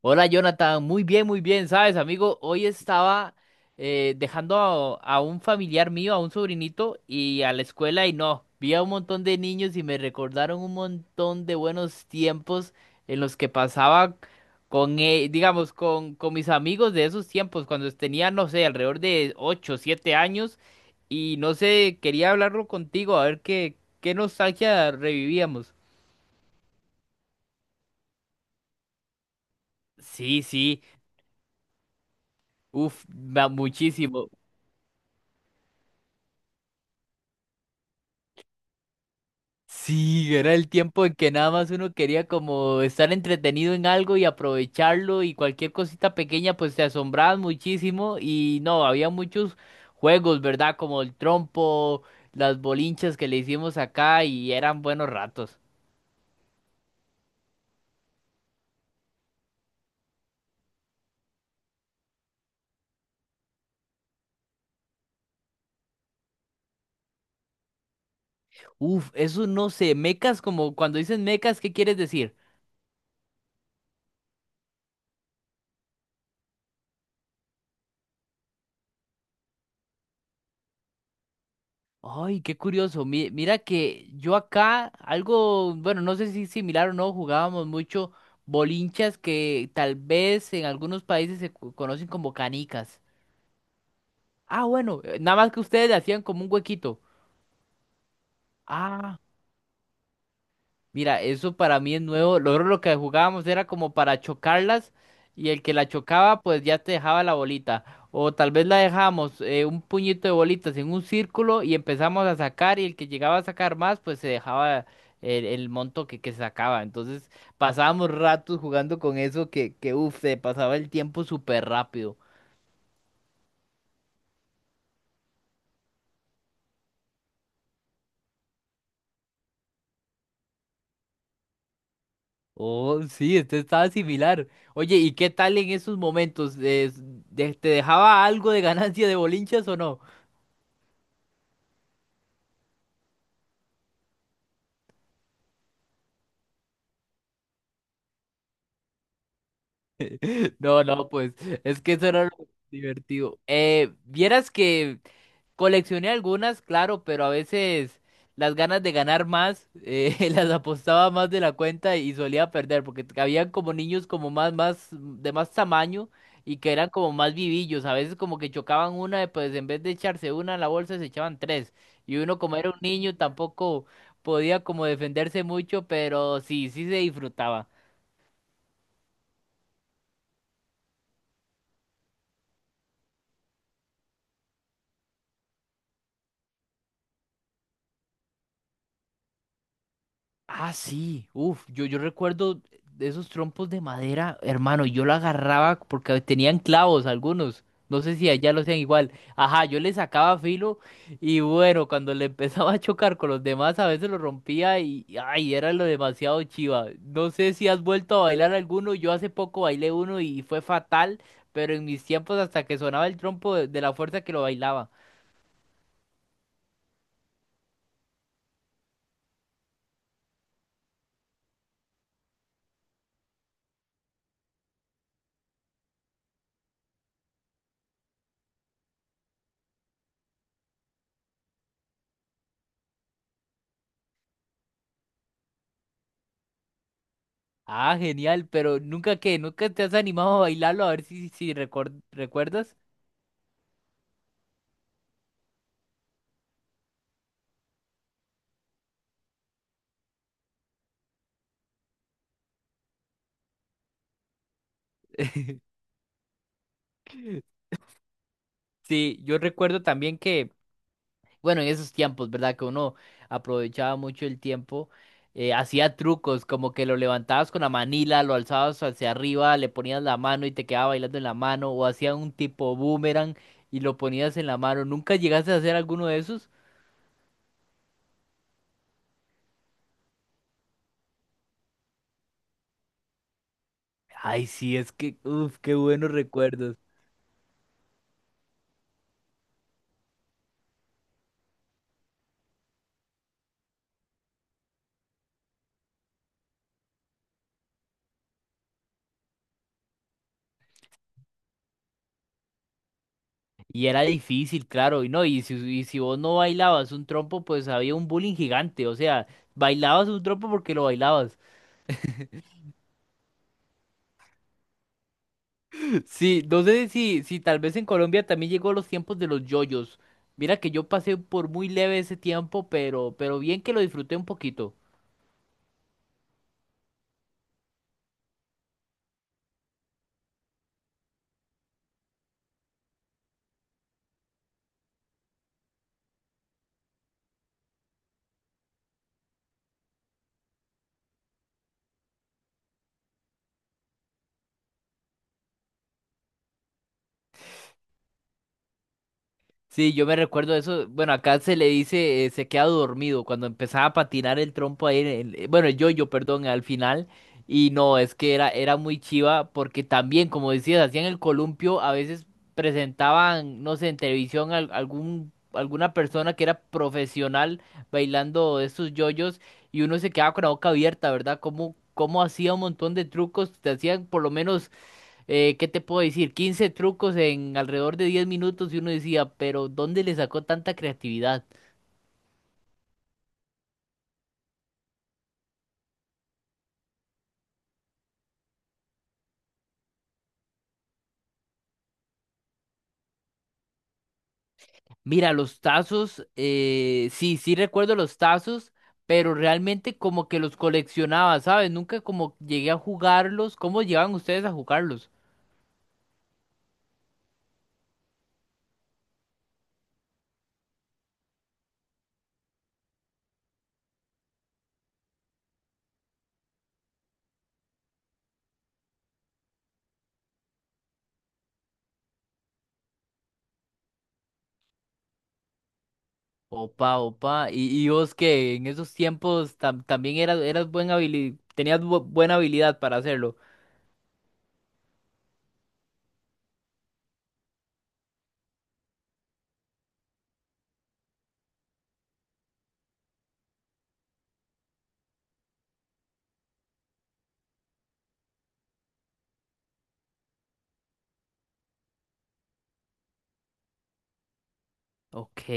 Hola Jonathan, muy bien, sabes, amigo, hoy estaba dejando a un familiar mío, a un sobrinito, y a la escuela y no, vi a un montón de niños y me recordaron un montón de buenos tiempos en los que pasaba con mis amigos de esos tiempos, cuando tenía, no sé, alrededor de 8, 7 años, y no sé, quería hablarlo contigo, a ver qué nostalgia revivíamos. Sí, sí, uff, muchísimo. Sí, era el tiempo en que nada más uno quería como estar entretenido en algo y aprovecharlo y cualquier cosita pequeña pues te asombrabas muchísimo y no, había muchos juegos, ¿verdad? Como el trompo, las bolinchas que le hicimos acá y eran buenos ratos. Uf, eso no sé, mecas como cuando dicen mecas, ¿qué quieres decir? Ay, qué curioso. Mira que yo acá algo, bueno, no sé si similar o no, jugábamos mucho bolinchas que tal vez en algunos países conocen como canicas. Ah, bueno, nada más que ustedes le hacían como un huequito. Ah. Mira, eso para mí es nuevo. Luego lo que jugábamos era como para chocarlas y el que la chocaba pues ya te dejaba la bolita. O tal vez la dejamos un puñito de bolitas en un círculo y empezamos a sacar y el que llegaba a sacar más pues se dejaba el monto que sacaba. Entonces pasábamos ratos jugando con eso que uff, se pasaba el tiempo súper rápido. Oh, sí, este estaba similar. Oye, ¿y qué tal en esos momentos? Te dejaba algo de ganancia de bolinchas o no? No, no, pues es que eso era lo divertido. Vieras que coleccioné algunas, claro, pero a veces las ganas de ganar más, las apostaba más de la cuenta y solía perder, porque habían como niños como más, de más tamaño y que eran como más vivillos. A veces como que chocaban una, y pues en vez de echarse una en la bolsa, se echaban tres. Y uno como era un niño tampoco podía como defenderse mucho, pero sí, sí se disfrutaba. Ah, sí, uf, yo recuerdo de esos trompos de madera, hermano, y yo lo agarraba porque tenían clavos algunos, no sé si allá lo hacían igual, ajá, yo le sacaba filo y bueno, cuando le empezaba a chocar con los demás a veces lo rompía ay, era lo demasiado chiva, no sé si has vuelto a bailar alguno, yo hace poco bailé uno y fue fatal, pero en mis tiempos hasta que sonaba el trompo de la fuerza que lo bailaba. Ah, genial, pero nunca te has animado a bailarlo, a ver si recuerdas. Sí, yo recuerdo también que, bueno, en esos tiempos, ¿verdad? Que uno aprovechaba mucho el tiempo, hacía trucos, como que lo levantabas con la manila, lo alzabas hacia arriba, le ponías la mano y te quedaba bailando en la mano, o hacía un tipo boomerang y lo ponías en la mano. ¿Nunca llegaste a hacer alguno de esos? Ay, sí, es que, uff, qué buenos recuerdos. Y era difícil, claro, y no, y si vos no bailabas un trompo, pues había un bullying gigante, o sea, bailabas un trompo porque lo bailabas. Sí, no sé si tal vez en Colombia también llegó los tiempos de los yoyos. Mira que yo pasé por muy leve ese tiempo, pero bien que lo disfruté un poquito. Sí, yo me recuerdo eso. Bueno, acá se le dice, se queda dormido cuando empezaba a patinar el trompo ahí, bueno, el yoyo, perdón, al final. Y no, es que era muy chiva porque también, como decías, hacían el columpio, a veces presentaban, no sé, en televisión algún, alguna persona que era profesional bailando estos yoyos y uno se quedaba con la boca abierta, ¿verdad? Como, como hacía un montón de trucos, te hacían por lo menos ¿qué te puedo decir? 15 trucos en alrededor de 10 minutos y uno decía, pero ¿dónde le sacó tanta creatividad? Mira, los tazos, sí, sí recuerdo los tazos, pero realmente como que los coleccionaba, ¿sabes? Nunca como llegué a jugarlos. ¿Cómo llegaban ustedes a jugarlos? Opa, opa. Y vos que en esos tiempos también eras tenías buena habilidad para hacerlo? Ok.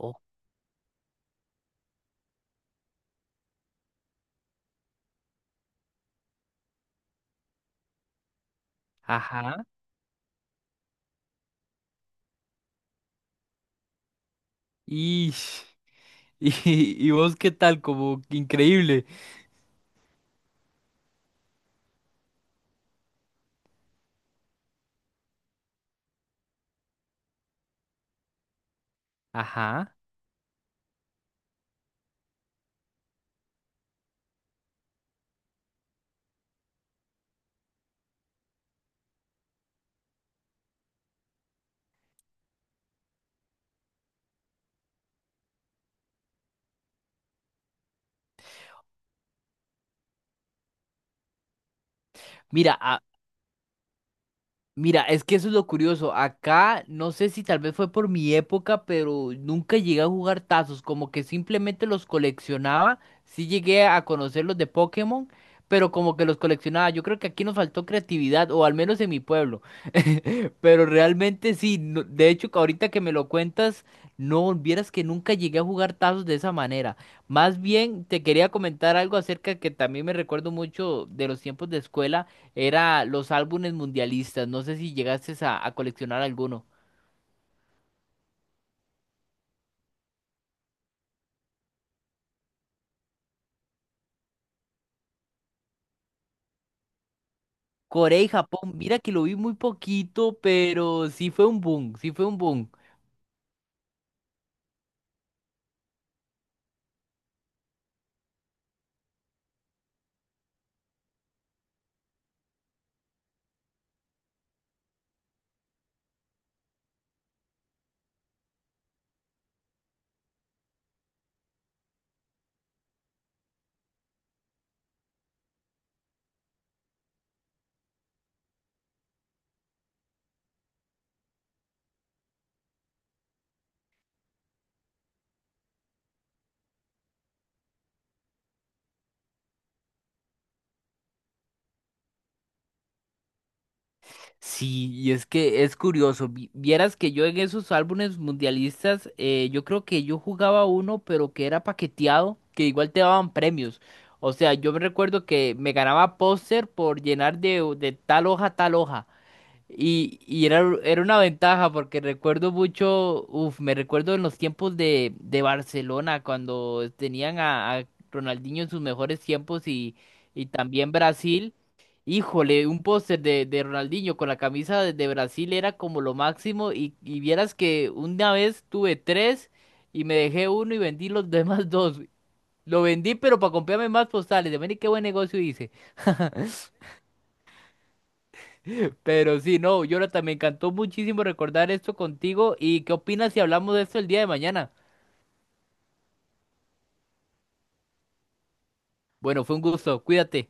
Oh, ajá. Ish. Y, y vos qué tal, como increíble. Ajá. Mira, a, Mira, es que eso es lo curioso. Acá, no sé si tal vez fue por mi época, pero nunca llegué a jugar tazos. Como que simplemente los coleccionaba. Sí llegué a conocer los de Pokémon, pero como que los coleccionaba. Yo creo que aquí nos faltó creatividad, o al menos en mi pueblo. Pero realmente sí. De hecho, que ahorita que me lo cuentas, no vieras que nunca llegué a jugar tazos de esa manera. Más bien, te quería comentar algo acerca que también me recuerdo mucho de los tiempos de escuela. Era los álbumes mundialistas. No sé si llegaste a coleccionar alguno. Corea y Japón, mira que lo vi muy poquito, pero sí fue un boom, sí fue un boom. Sí, y es que es curioso. Vieras que yo en esos álbumes mundialistas, yo creo que yo jugaba uno, pero que era paqueteado, que igual te daban premios. O sea, yo me recuerdo que me ganaba póster por llenar de tal hoja a tal hoja. Y era una ventaja porque recuerdo mucho, uf, me recuerdo en los tiempos de Barcelona cuando tenían a Ronaldinho en sus mejores tiempos y también Brasil. Híjole, un póster de Ronaldinho con la camisa de Brasil era como lo máximo y vieras que una vez tuve tres y me dejé uno y vendí los demás dos. Lo vendí pero para comprarme más postales. De ver qué buen negocio hice. Pero sí, no, Jonathan, me encantó muchísimo recordar esto contigo. ¿Y qué opinas si hablamos de esto el día de mañana? Bueno, fue un gusto, cuídate.